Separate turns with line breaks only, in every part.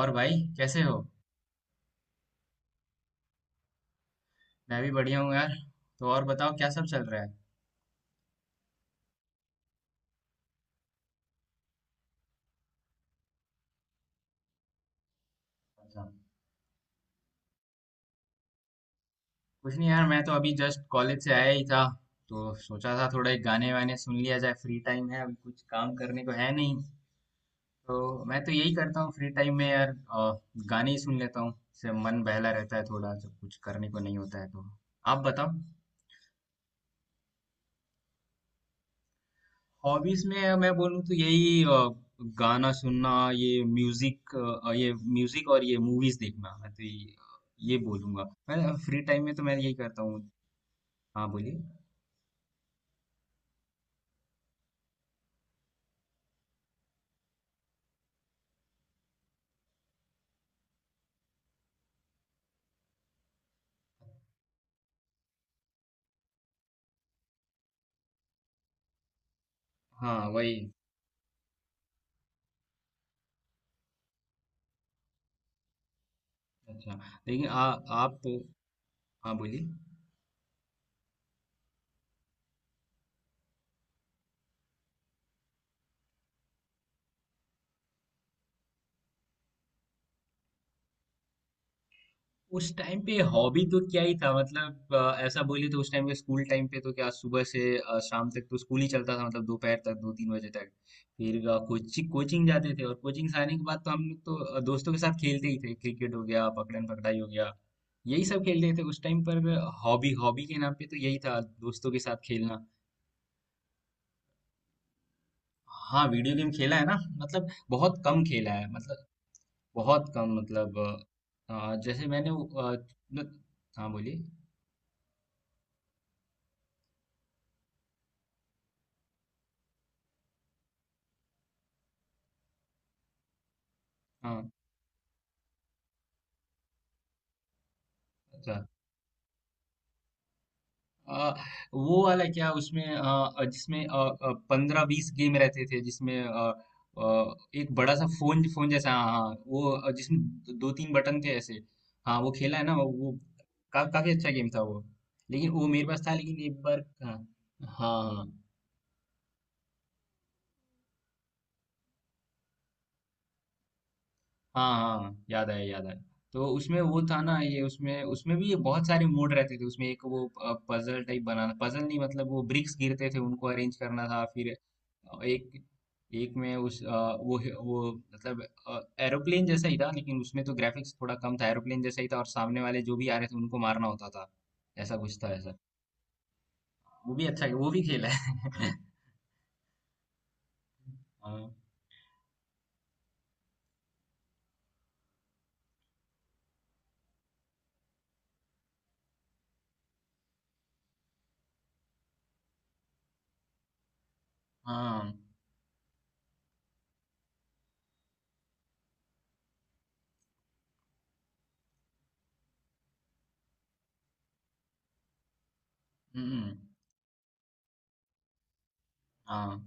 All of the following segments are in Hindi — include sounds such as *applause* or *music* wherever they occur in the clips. और भाई कैसे हो। मैं भी बढ़िया हूँ यार। तो और बताओ क्या सब चल रहा है। अच्छा। कुछ नहीं यार, मैं तो अभी जस्ट कॉलेज से आया ही था। तो सोचा था थोड़े गाने वाने सुन लिया जाए, फ्री टाइम है अभी, कुछ काम करने को है नहीं। तो मैं तो यही करता हूँ फ्री टाइम में यार। गाने ही सुन लेता हूँ, इससे मन बहला रहता है थोड़ा जब कुछ करने को नहीं होता है तो। आप बताओ। हॉबीज में मैं बोलूँ तो यही, गाना सुनना, ये म्यूजिक, ये म्यूजिक और ये मूवीज देखना। मैं तो ये बोलूंगा, मैं फ्री टाइम में तो मैं यही करता हूँ। हाँ बोलिए। हाँ वही। अच्छा, लेकिन आप। हाँ बोलिए। उस टाइम पे हॉबी तो क्या ही था मतलब, ऐसा बोलिए तो उस टाइम पे स्कूल टाइम पे तो क्या सुबह से शाम तक तो स्कूल ही चलता था, मतलब दोपहर तक दो तीन बजे तक। फिर कोचिंग कोचिंग जाते थे और कोचिंग से आने के बाद तो हम लोग तो दोस्तों के साथ खेलते ही थे, क्रिकेट हो गया, पकड़न पकड़ाई हो गया। यही सब खेलते थे उस टाइम पर। हॉबी हॉबी के नाम पे तो यही था, दोस्तों के साथ खेलना। हाँ, वीडियो गेम खेला है ना। मतलब बहुत कम खेला है मतलब। बहुत कम मतलब। जैसे मैंने मतलब- हाँ बोलिए। हाँ। अच्छा। अ, वो वाला क्या, उसमें जिसमें 15 20 गेम रहते थे, जिसमें अ, एक बड़ा सा फोन फोन जैसा, हाँ हाँ, वो जिसमें दो तीन बटन थे ऐसे। हाँ वो खेला है ना वो, काफी अच्छा गेम था वो। लेकिन वो मेरे पास था, लेकिन एक बार। हाँ। हाँ हाँ। हाँ हाँ, याद आया याद आया। तो उसमें वो था ना, ये उसमें उसमें भी ये बहुत सारे मोड रहते थे, उसमें एक वो पजल टाइप बनाना, पजल नहीं मतलब वो ब्रिक्स गिरते थे उनको अरेंज करना था। फिर एक एक में उस वो वो मतलब एरोप्लेन जैसा ही था, लेकिन उसमें तो ग्राफिक्स थोड़ा कम था, एरोप्लेन जैसा ही था और सामने वाले जो भी आ रहे थे उनको मारना होता था। ऐसा कुछ था ऐसा। वो भी अच्छा, वो भी खेल है। *laughs* हाँ हाँ। हम्म। हाँ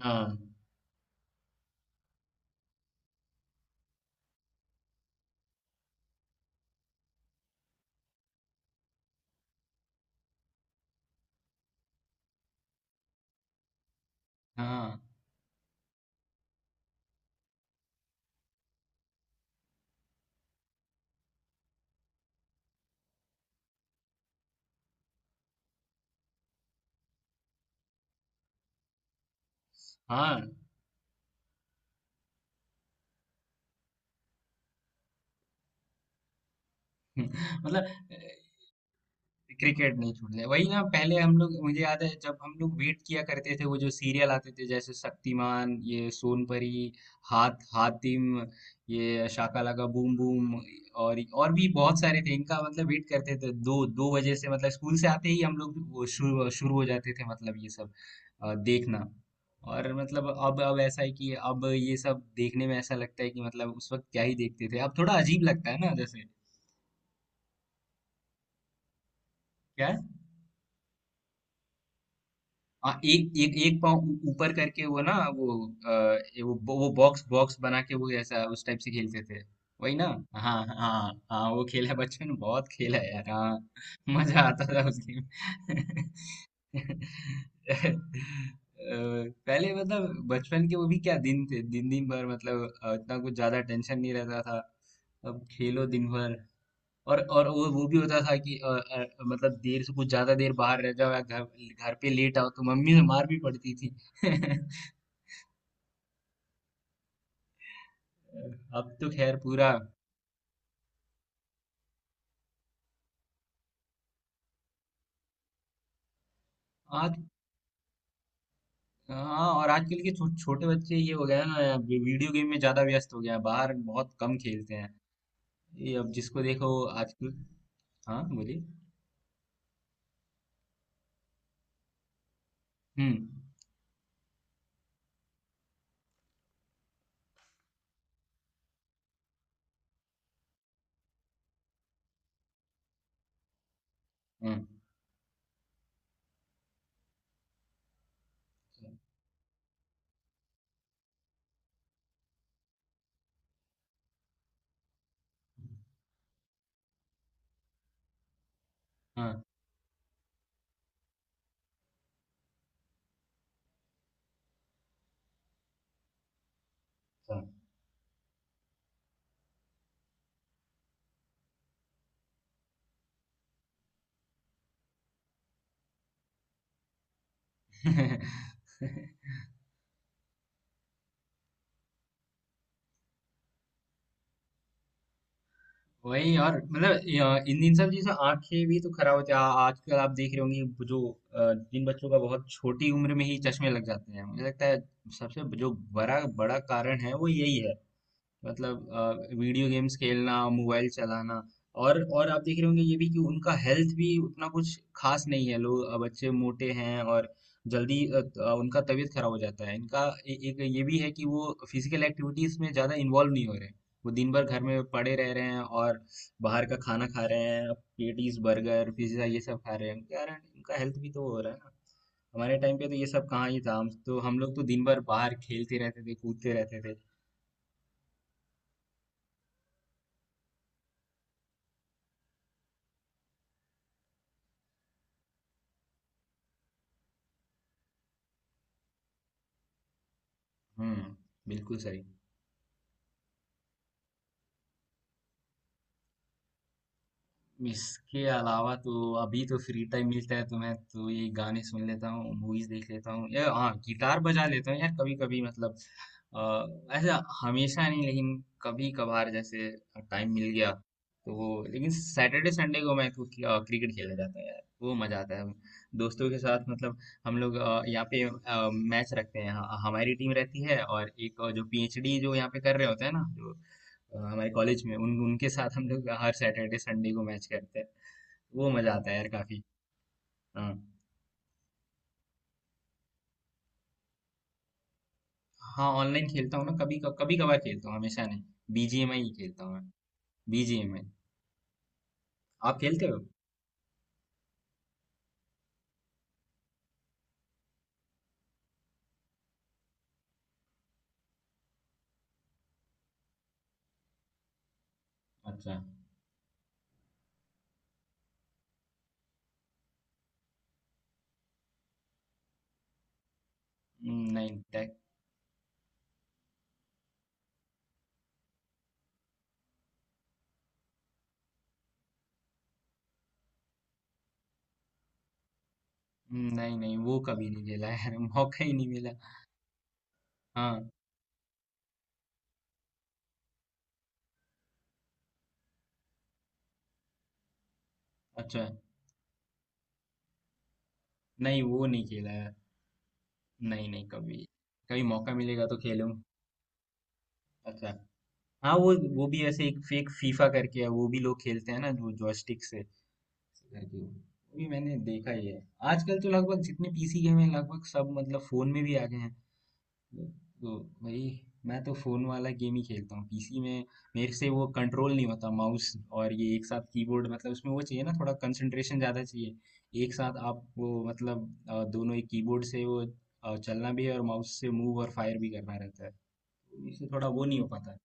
हाँ हाँ हाँ। *laughs* मतलब। क्रिकेट नहीं छूट रहा वही ना। पहले हम लोग, मुझे याद है जब हम लोग वेट किया करते थे वो जो सीरियल आते थे, जैसे शक्तिमान, ये सोनपरी, हाथ हातिम, ये शाका लाका बूम बूम और भी बहुत सारे थे इनका, मतलब वेट करते थे दो दो बजे से, मतलब स्कूल से आते ही हम लोग वो शुरू शुरू हो जाते थे मतलब ये सब देखना। और मतलब अब ऐसा है कि अब ये सब देखने में ऐसा लगता है कि मतलब उस वक्त क्या ही देखते थे, अब थोड़ा अजीब लगता है ना जैसे। क्या? हाँ, एक एक एक पाँव ऊपर करके वो ना वो। अ, ये वो बॉक्स बॉक्स बना के वो ऐसा उस टाइप से खेलते थे। वही ना। हाँ हाँ हाँ, वो खेला है बचपन में, बहुत खेला है यार, हाँ। मजा आता था उस गेम। पहले मतलब बचपन के वो भी क्या दिन थे, दिन दिन भर मतलब इतना कुछ ज्यादा टेंशन नहीं रहता था। अब खेलो दिन भर। और वो भी होता था कि मतलब देर से कुछ ज्यादा देर बाहर रह जाओ, या घर घर पे लेट आओ तो मम्मी से मार भी पड़ती थी। *laughs* अब तो खैर पूरा आज। हाँ और आजकल के छोटे बच्चे ये हो गया है ना, वीडियो गेम में ज्यादा व्यस्त हो गया है, बाहर बहुत कम खेलते हैं। ये अब जिसको देखो आजकल। हाँ बोलिए। हम्म हम्म। हाँ हाँ। *laughs* वही यार मतलब, इन इन सब चीजों से आंखें भी तो खराब होती है, आजकल आप देख रहे होंगे वो जो अ, जिन बच्चों का बहुत छोटी उम्र में ही चश्मे लग जाते हैं, मुझे लगता है सबसे जो बड़ा बड़ा कारण है वो यही है। मतलब वीडियो गेम्स खेलना, मोबाइल चलाना। और आप देख रहे होंगे ये भी कि उनका हेल्थ भी उतना कुछ खास नहीं है, बच्चे मोटे हैं, और जल्दी उनका तबीयत खराब हो जाता है इनका। एक ये भी है कि वो फिजिकल एक्टिविटीज में ज्यादा इन्वॉल्व नहीं हो रहे हैं, वो दिन भर घर में पड़े रह रहे हैं, और बाहर का खाना खा रहे हैं, पेटीज, बर्गर, पिज्जा, ये सब खा रहे हैं, उनके कारण उनका हेल्थ भी तो हो रहा है ना। हमारे टाइम पे तो ये सब कहाँ ही था, हम लोग तो दिन भर बाहर खेलते रहते थे, कूदते रहते थे। हम्म। बिल्कुल सही। इसके अलावा तो अभी तो फ्री टाइम मिलता है तो मैं तो ये गाने सुन लेता हूँ, मूवीज देख लेता हूँ, या हाँ, गिटार बजा लेता हूँ यार कभी कभी मतलब। अ, ऐसा हमेशा नहीं, लेकिन कभी कभार जैसे टाइम मिल गया तो वो। लेकिन सैटरडे संडे को मैं क्रिकेट खेलने जाता हूँ यार, वो मजा आता है। दोस्तों के साथ मतलब, हम लोग यहाँ पे मैच रखते हैं हाँ, हमारी टीम रहती है और एक जो पीएचडी जो यहाँ पे कर रहे होते हैं ना, जो हमारे कॉलेज में, उन उनके साथ हम लोग हर सैटरडे संडे को मैच करते हैं। वो मजा आता है यार काफी। हाँ। हाँ, ऑनलाइन खेलता हूँ ना, कभी कभी कभार खेलता हूँ, हमेशा नहीं। बीजीएमआई ही खेलता हूँ मैं। बीजीएमआई। आप खेलते हो? अच्छा। नहीं। tag- नहीं नहीं, वो कभी नहीं खेला यार, मौका ही नहीं मिला। हाँ। अच्छा। नहीं, वो नहीं खेला यार। नहीं नहीं, कभी कभी मौका मिलेगा तो खेलूं। अच्छा। हाँ, वो भी ऐसे एक फेक फीफा करके है, वो भी लोग खेलते हैं ना, जो जॉयस्टिक से। एग्जैक्टली, वो भी मैंने देखा ही है। आजकल तो लगभग जितने पीसी गेम हैं लगभग सब मतलब फोन में भी आ गए हैं। तो तो भाई, मैं तो फोन वाला गेम ही खेलता हूँ। पीसी में मेरे से वो कंट्रोल नहीं होता, माउस और ये एक साथ कीबोर्ड, मतलब उसमें वो चाहिए ना, थोड़ा कंसंट्रेशन ज्यादा चाहिए। एक साथ आप वो मतलब दोनों ही कीबोर्ड से वो चलना भी है और माउस से मूव और फायर भी करना रहता है। तो मेरे से थोड़ा वो नहीं हो पाता।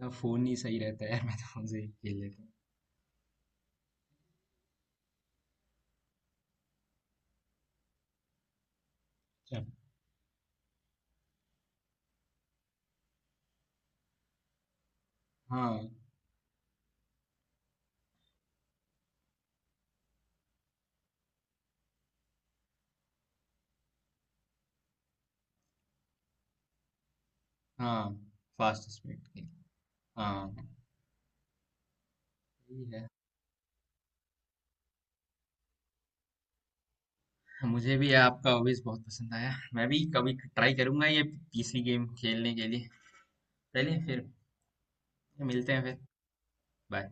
मेरा फोन ही सही रहता है। *laughs* यार, मैं तो फोन से ही खेल लेता हूँ। हाँ हाँ, फास्ट स्पीड। हाँ। सही है। मुझे भी आपका हॉबीज बहुत पसंद आया, मैं भी कभी ट्राई करूंगा ये पीसी गेम खेलने के लिए। चलिए फिर, मिलते हैं फिर। बाय।